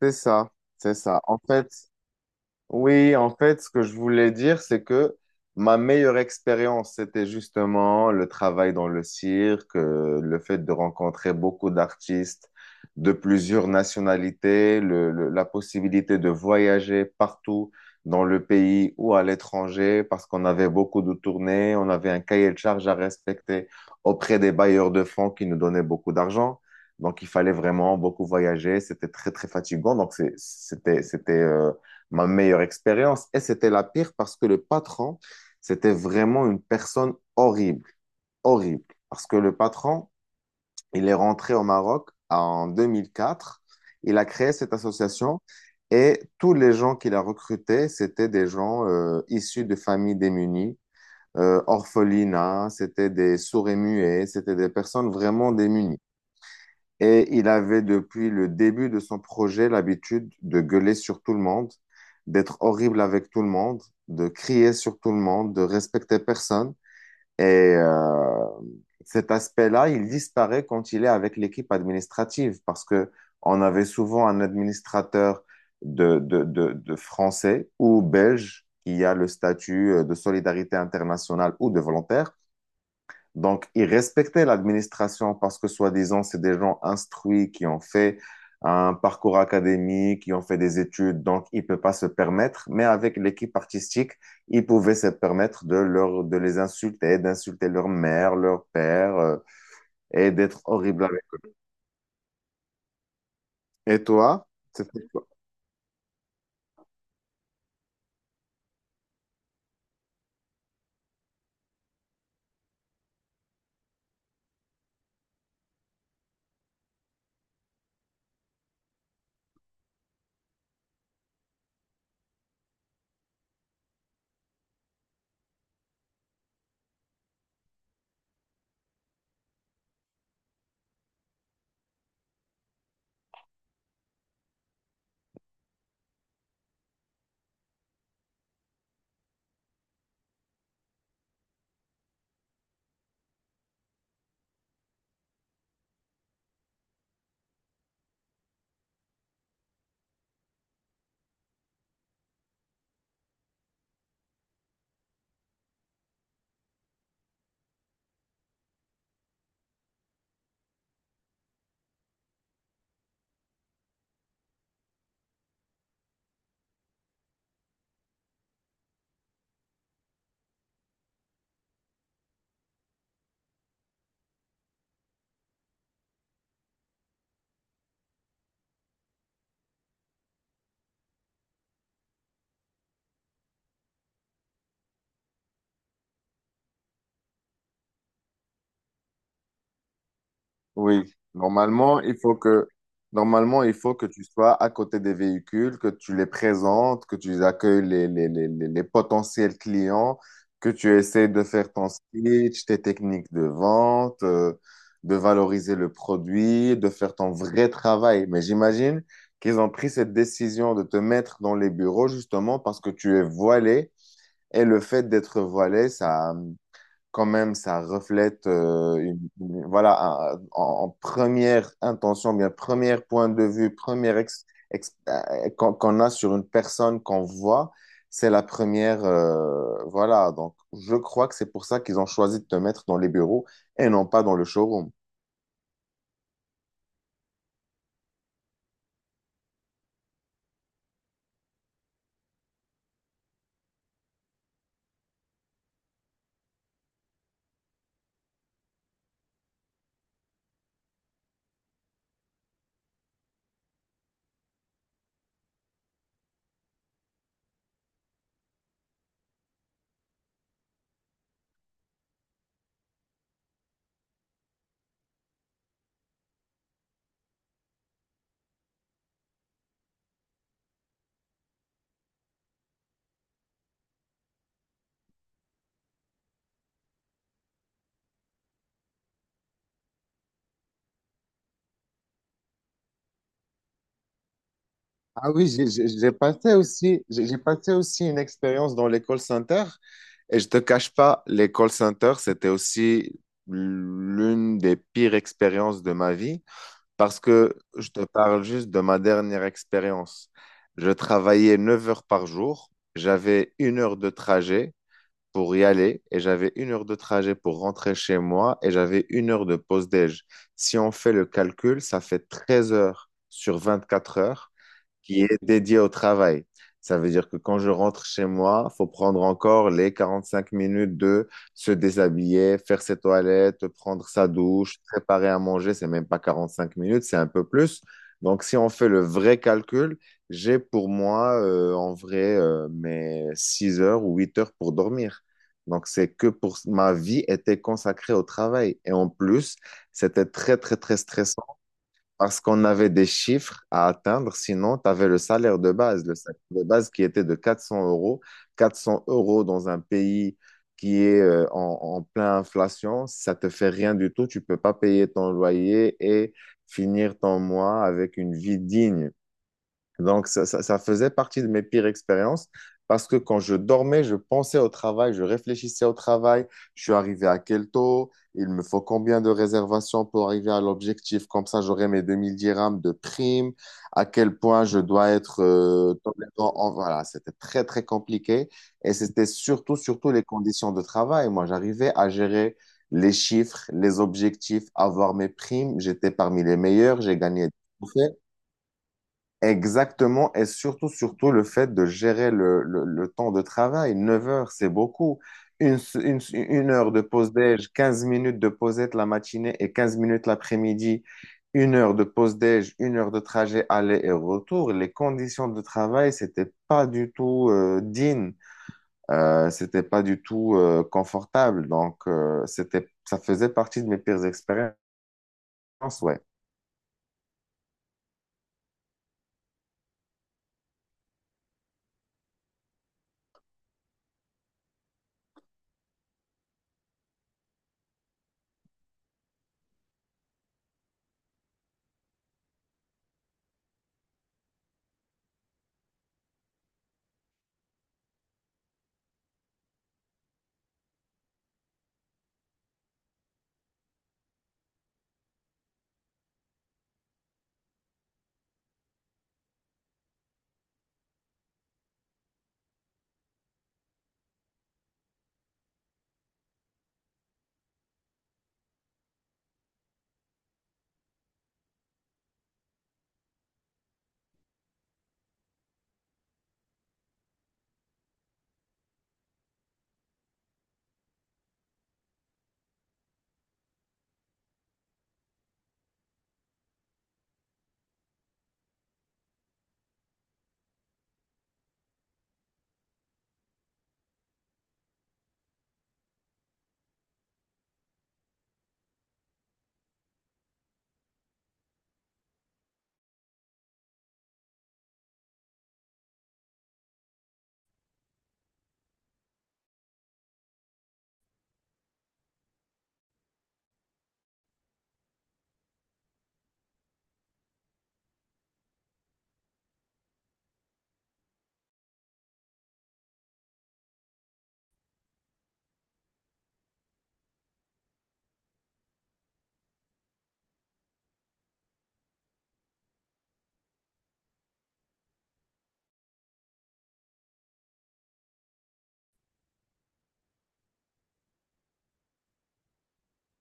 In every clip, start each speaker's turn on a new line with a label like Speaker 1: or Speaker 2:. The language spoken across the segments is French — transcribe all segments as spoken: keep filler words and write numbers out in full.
Speaker 1: C'est ça, c'est ça. En fait, oui, en fait, ce que je voulais dire, c'est que ma meilleure expérience, c'était justement le travail dans le cirque, euh, le fait de rencontrer beaucoup d'artistes de plusieurs nationalités, le- le- la possibilité de voyager partout dans le pays ou à l'étranger, parce qu'on avait beaucoup de tournées, on avait un cahier de charges à respecter auprès des bailleurs de fonds qui nous donnaient beaucoup d'argent. Donc, il fallait vraiment beaucoup voyager. C'était très, très fatigant. Donc, c'est- c'était, c'était, euh, ma meilleure expérience. Et c'était la pire parce que le patron, c'était vraiment une personne horrible, horrible. Parce que le patron, il est rentré au Maroc en deux mille quatre. Il a créé cette association et tous les gens qu'il a recrutés, c'était des gens euh, issus de familles démunies, euh, orphelinats, c'était des sourds et muets, c'était des personnes vraiment démunies. Et il avait depuis le début de son projet l'habitude de gueuler sur tout le monde, d'être horrible avec tout le monde, de crier sur tout le monde, de respecter personne. Et euh, cet aspect-là, il disparaît quand il est avec l'équipe administrative parce que on avait souvent un administrateur de, de, de, de français ou belge qui a le statut euh, de solidarité internationale ou de volontaire, donc ils respectaient l'administration parce que, soi-disant, c'est des gens instruits qui ont fait un parcours académique, qui ont fait des études, donc ils ne peuvent pas se permettre. Mais avec l'équipe artistique, ils pouvaient se permettre de, leur, de les insulter, d'insulter leur mère, leur père, euh, et d'être horrible avec. Et toi? C'était… Oui, normalement, il faut que, normalement, il faut que tu sois à côté des véhicules, que tu les présentes, que tu accueilles les, les, les, les- les potentiels clients, que tu essaies de faire ton speech, tes techniques de vente, euh, de valoriser le produit, de faire ton vrai travail. Mais j'imagine qu'ils ont pris cette décision de te mettre dans les bureaux justement parce que tu es voilé, et le fait d'être voilé, ça, quand même, ça reflète, euh, une- une- voilà, un- en, en première intention, bien, premier point de vue, première ex- ex- euh, qu'on qu'on a sur une personne qu'on voit, c'est la première, euh, voilà. Donc, je crois que c'est pour ça qu'ils ont choisi de te mettre dans les bureaux et non pas dans le showroom. Ah oui, j'ai j'ai- j'ai passé aussi, j'ai j'ai passé aussi une expérience dans les call centers. Et je te cache pas, les call centers, c'était aussi l'une des pires expériences de ma vie. Parce que je te parle juste de ma dernière expérience. Je travaillais neuf heures par jour, j'avais une heure de trajet pour y aller et j'avais une heure de trajet pour rentrer chez moi, et j'avais une heure de pause déj. Si on fait le calcul, ça fait treize heures sur vingt-quatre heures qui est dédié au travail. Ça veut dire que quand je rentre chez moi, il faut prendre encore les quarante-cinq minutes de se déshabiller, faire ses toilettes, prendre sa douche, préparer à manger. C'est même pas quarante-cinq minutes, c'est un peu plus. Donc, si on fait le vrai calcul, j'ai pour moi, euh, en vrai, euh, mes six heures ou huit heures pour dormir. Donc, c'est que pour ma vie était consacrée au travail. Et en plus, c'était très, très, très stressant parce qu'on avait des chiffres à atteindre, sinon tu avais le salaire de base, le salaire de base qui était de quatre cents euros. quatre cents euros dans un pays qui est euh, en, en pleine inflation, ça te fait rien du tout, tu peux pas payer ton loyer et finir ton mois avec une vie digne. Donc, ça, ça- ça faisait partie de mes pires expériences parce que quand je dormais, je pensais au travail, je réfléchissais au travail, je suis arrivé à quel taux, il me faut combien de réservations pour arriver à l'objectif, comme ça j'aurai mes deux mille dirhams de prime, à quel point je dois être euh, tolérant. en- Voilà, c'était très, très compliqué, et c'était surtout, surtout les conditions de travail. Moi, j'arrivais à gérer les chiffres, les objectifs, avoir mes primes, j'étais parmi les meilleurs, j'ai gagné des trophées. Exactement, et surtout, surtout le fait de gérer le, le- le temps de travail. Neuf heures, c'est beaucoup. Une, s- une s- une heure de pause déj, quinze minutes de pausette la matinée et quinze minutes l'après-midi, une heure de pause déj, une heure de trajet aller et retour. Les conditions de travail, c'était pas du tout euh, digne, Euh, c'était pas du tout euh, confortable. Donc, euh, c'était, ça faisait partie de mes pires expériences, ouais.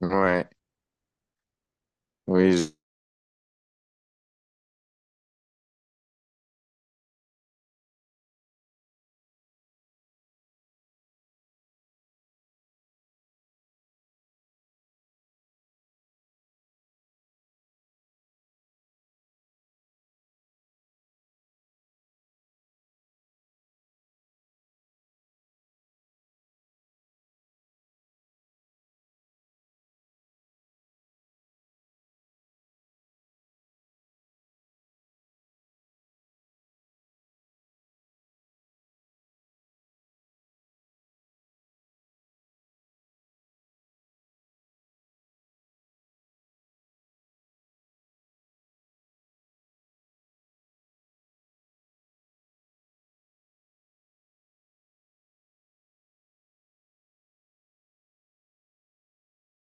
Speaker 1: Ouais, oui,